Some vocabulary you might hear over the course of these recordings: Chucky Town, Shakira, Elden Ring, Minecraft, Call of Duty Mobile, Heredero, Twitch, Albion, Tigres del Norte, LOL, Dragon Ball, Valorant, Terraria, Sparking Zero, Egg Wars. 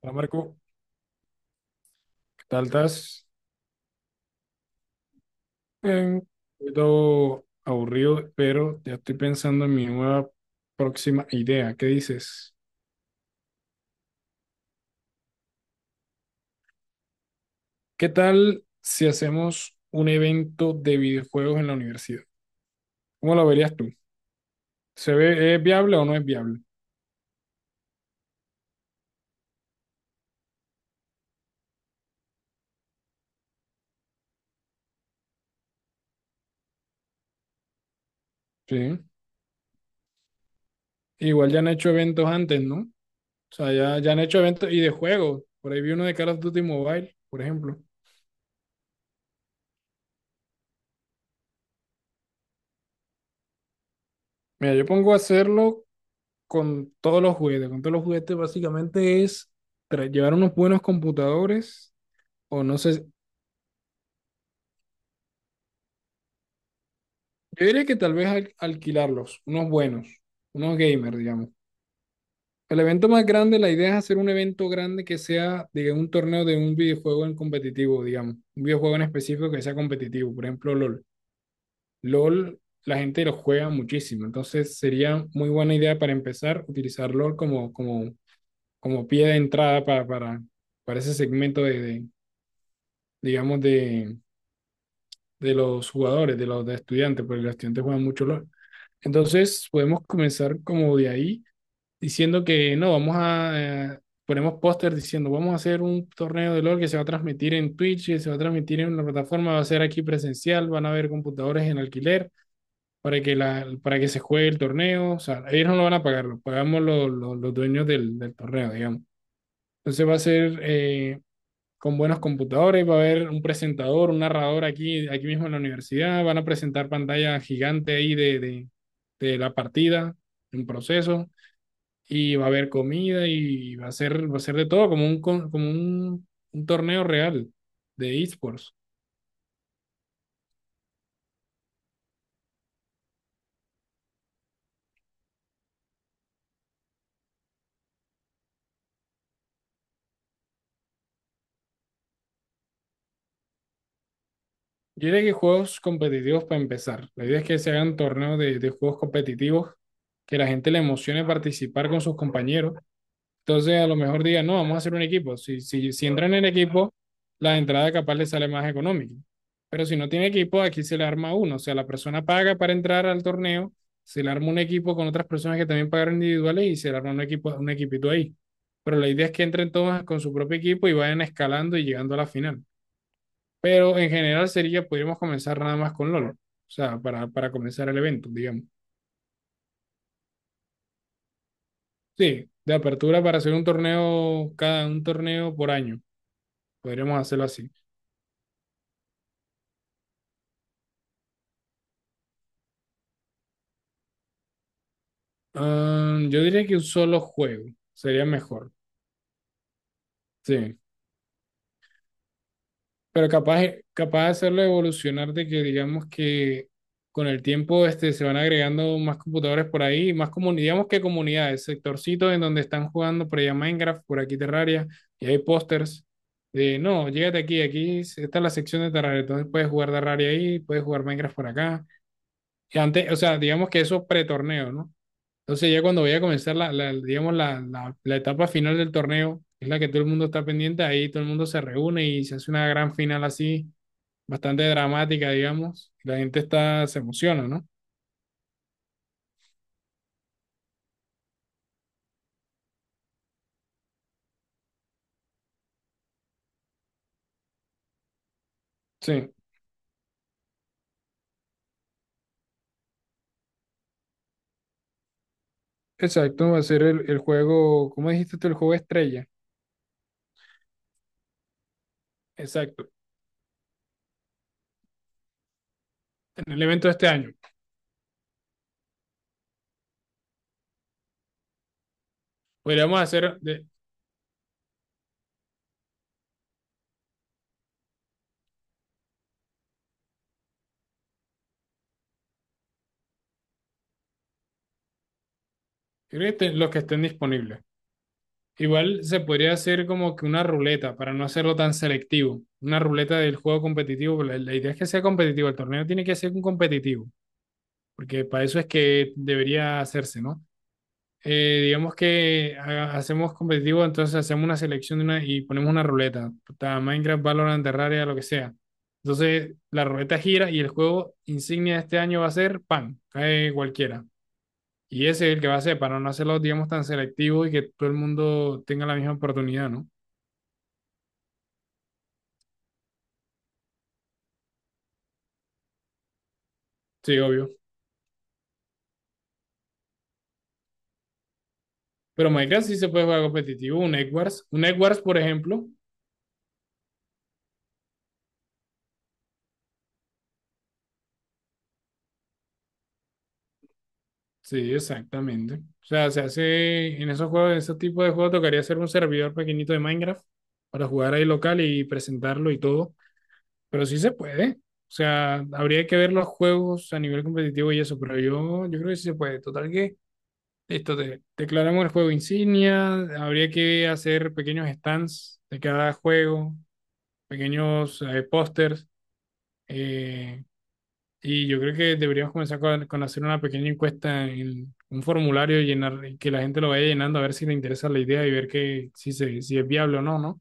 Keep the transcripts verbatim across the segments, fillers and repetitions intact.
Hola Marco, ¿qué tal estás? Bien, un poquito aburrido, pero ya estoy pensando en mi nueva próxima idea. ¿Qué dices? ¿Qué tal si hacemos un evento de videojuegos en la universidad? ¿Cómo lo verías tú? ¿Se ve, es viable o no es viable? Sí. Igual ya han hecho eventos antes, ¿no? O sea, ya, ya han hecho eventos y de juegos. Por ahí vi uno de Call of Duty Mobile, por ejemplo. Mira, yo pongo a hacerlo con todos los juguetes. Con todos los juguetes básicamente es tra- llevar unos buenos computadores o no sé, yo diría que tal vez al- alquilarlos, unos buenos, unos gamers, digamos. El evento más grande, la idea es hacer un evento grande que sea, digamos, un torneo de un videojuego en competitivo, digamos, un videojuego en específico que sea competitivo, por ejemplo, LOL. LOL, la gente lo juega muchísimo, entonces sería muy buena idea para empezar utilizar LOL como, como, como pie de entrada para, para, para ese segmento de, de, digamos, de, de los jugadores, de los de estudiantes, porque los estudiantes juegan mucho LOL. Entonces, podemos comenzar como de ahí, diciendo que no, vamos a, eh, ponemos póster diciendo, vamos a hacer un torneo de LOL que se va a transmitir en Twitch, que se va a transmitir en una plataforma, va a ser aquí presencial, van a haber computadores en alquiler para que, la, para que se juegue el torneo. O sea, ellos no lo van a pagar, lo pagamos los, los, los dueños del, del torneo, digamos. Entonces va a ser eh, con buenos computadores, va a haber un presentador, un narrador aquí, aquí mismo en la universidad, van a presentar pantalla gigante ahí de, de, de la partida, en proceso, y va a haber comida y va a ser, va a ser de todo, como un, con- como un, un torneo real de esports. Yo diría que juegos competitivos para empezar. La idea es que se hagan torneos de, de juegos competitivos, que la gente le emocione participar con sus compañeros. Entonces, a lo mejor digan, no, vamos a hacer un equipo. Si, si, si entran en equipo, la entrada capaz les sale más económica. Pero si no tiene equipo, aquí se le arma uno. O sea, la persona paga para entrar al torneo, se le arma un equipo con otras personas que también pagaron individuales y se le arma un equipo, un equipito ahí. Pero la idea es que entren todos con su propio equipo y vayan escalando y llegando a la final. Pero en general sería, podríamos comenzar nada más con LOL. O sea, para, para comenzar el evento, digamos. Sí, de apertura para hacer un torneo, cada un torneo por año. Podríamos hacerlo así. Ah, yo diría que un solo juego sería mejor, sí. Pero capaz, capaz de hacerlo evolucionar de que digamos que con el tiempo este, se van agregando más computadores por ahí, más comunidades, digamos que comunidades, sectorcitos en donde están jugando por allá Minecraft, por aquí Terraria, y hay pósters de, no, llégate aquí, aquí está la sección de Terraria, entonces puedes jugar Terraria ahí, puedes jugar Minecraft por acá. Y antes, o sea, digamos que eso pretorneo, ¿no? Entonces ya cuando vaya a comenzar la, la- digamos, la, la- la etapa final del torneo, que es la que todo el mundo está pendiente, ahí todo el mundo se reúne y se hace una gran final así, bastante dramática, digamos. La gente está, se emociona, ¿no? Sí, exacto, va a ser el, el juego, ¿cómo dijiste tú? El juego estrella. Exacto, en el evento de este año. Podríamos hacer, de, creo que te- los que estén disponibles. Igual se podría hacer como que una ruleta, para no hacerlo tan selectivo. Una ruleta del juego competitivo, pero la, la idea es que sea competitivo, el torneo tiene que ser un competitivo. Porque para eso es que debería hacerse, ¿no? Eh, digamos que ha- hacemos competitivo, entonces hacemos una selección de una, y ponemos una ruleta, puta, Minecraft, Valorant, Terraria, lo que sea. Entonces la ruleta gira y el juego insignia de este año va a ser PAN, cae cualquiera. Y ese es el que va a ser, para no hacerlo, digamos, tan selectivo y que todo el mundo tenga la misma oportunidad, ¿no? Sí, obvio. Pero Minecraft sí se puede jugar competitivo, un Egg Wars. Un Egg Wars, por ejemplo, sí, exactamente. O sea, se hace en esos juegos, en ese tipo de juegos, tocaría hacer un servidor pequeñito de Minecraft para jugar ahí local y presentarlo y todo. Pero sí se puede. O sea, habría que ver los juegos a nivel competitivo y eso, pero yo, yo creo que sí se puede. Total que, listo, te, declaramos el juego insignia, habría que hacer pequeños stands de cada juego, pequeños eh, pósters, eh, y yo creo que deberíamos comenzar con, con hacer una pequeña encuesta en un formulario, llenar, y que la gente lo vaya llenando a ver si le interesa la idea y ver que, si, se, si es viable o no, ¿no?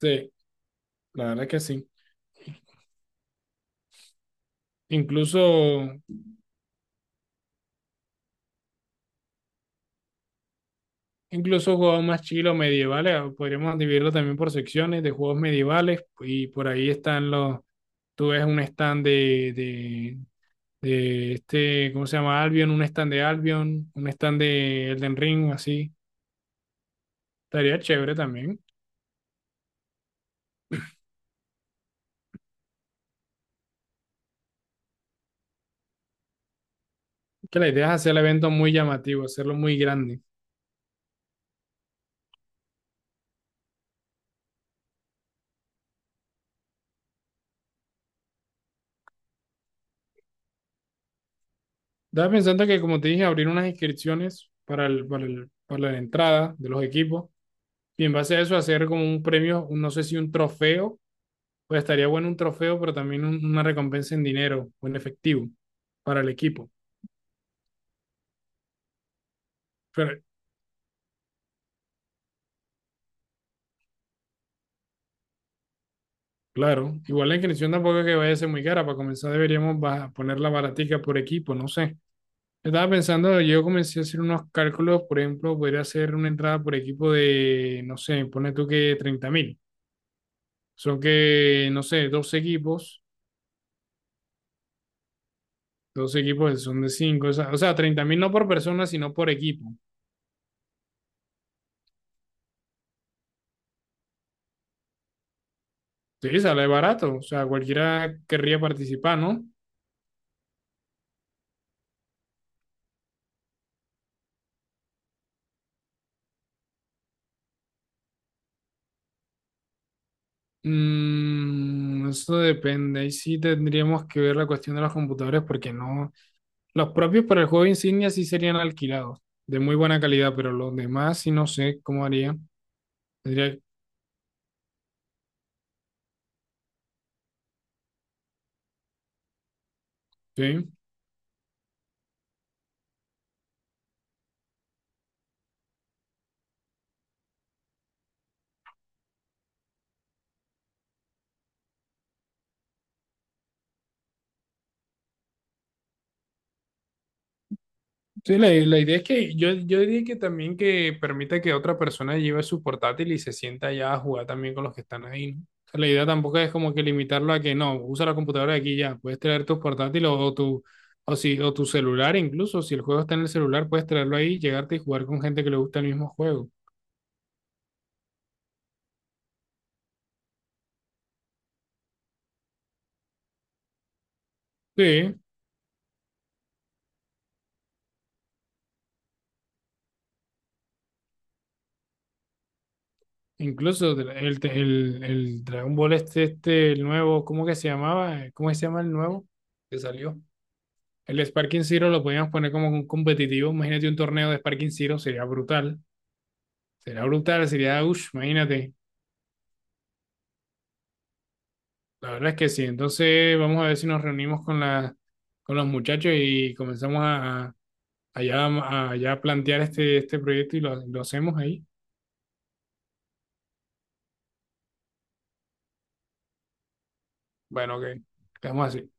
Sí, la verdad que sí. Incluso, incluso juegos más chilos medievales, ah, podríamos dividirlo también por secciones de juegos medievales y por ahí están los, tú ves un stand de, de, de este, ¿cómo se llama? Albion, un stand de Albion, un stand de Elden Ring, así. Estaría chévere también. Que la idea es hacer el evento muy llamativo, hacerlo muy grande. Estaba pensando que, como te dije, abrir unas inscripciones para el, para el- para la entrada de los equipos y en base a eso hacer como un premio, un- no sé si un trofeo, pues estaría bueno un trofeo, pero también un- una recompensa en dinero o en efectivo para el equipo. Pero claro, igual la inscripción tampoco es que vaya a ser muy cara, para comenzar deberíamos baja- ponerla baratica por equipo, no sé. Estaba pensando, yo comencé a hacer unos cálculos, por ejemplo, podría hacer una entrada por equipo de, no sé, pone tú que treinta mil. Son que, no sé, dos equipos, dos equipos son de cinco, o sea, o sea, 30 mil no por persona, sino por equipo. Sí, sale barato, o sea, cualquiera querría participar, ¿no? Mm, eso depende, ahí sí tendríamos que ver la cuestión de los computadores, porque no, los propios para el juego insignia sí serían alquilados, de muy buena calidad, pero los demás sí no sé cómo haría. Tendría, sí, sí, la, la idea es que yo, yo diría que también que permita que otra persona lleve su portátil y se sienta allá a jugar también con los que están ahí, ¿no? O sea, la idea tampoco es como que limitarlo a que no, usa la computadora de aquí y ya, puedes traer tu portátil o, o tu o si o tu celular incluso, si el juego está en el celular, puedes traerlo ahí, llegarte y jugar con gente que le gusta el mismo juego. Sí, incluso de- el, el, el Dragon Ball este, este, el nuevo, ¿cómo que se llamaba? ¿Cómo que se llama el nuevo que salió? El Sparking Zero lo podíamos poner como un competitivo. Imagínate un torneo de Sparking Zero, sería brutal. Sería brutal, sería, uff, imagínate. La verdad es que sí. Entonces, vamos a ver si nos reunimos con, la, con los muchachos y comenzamos a, a, ya, a ya plantear este, este proyecto y lo, lo hacemos ahí. Bueno, ok, quedamos así.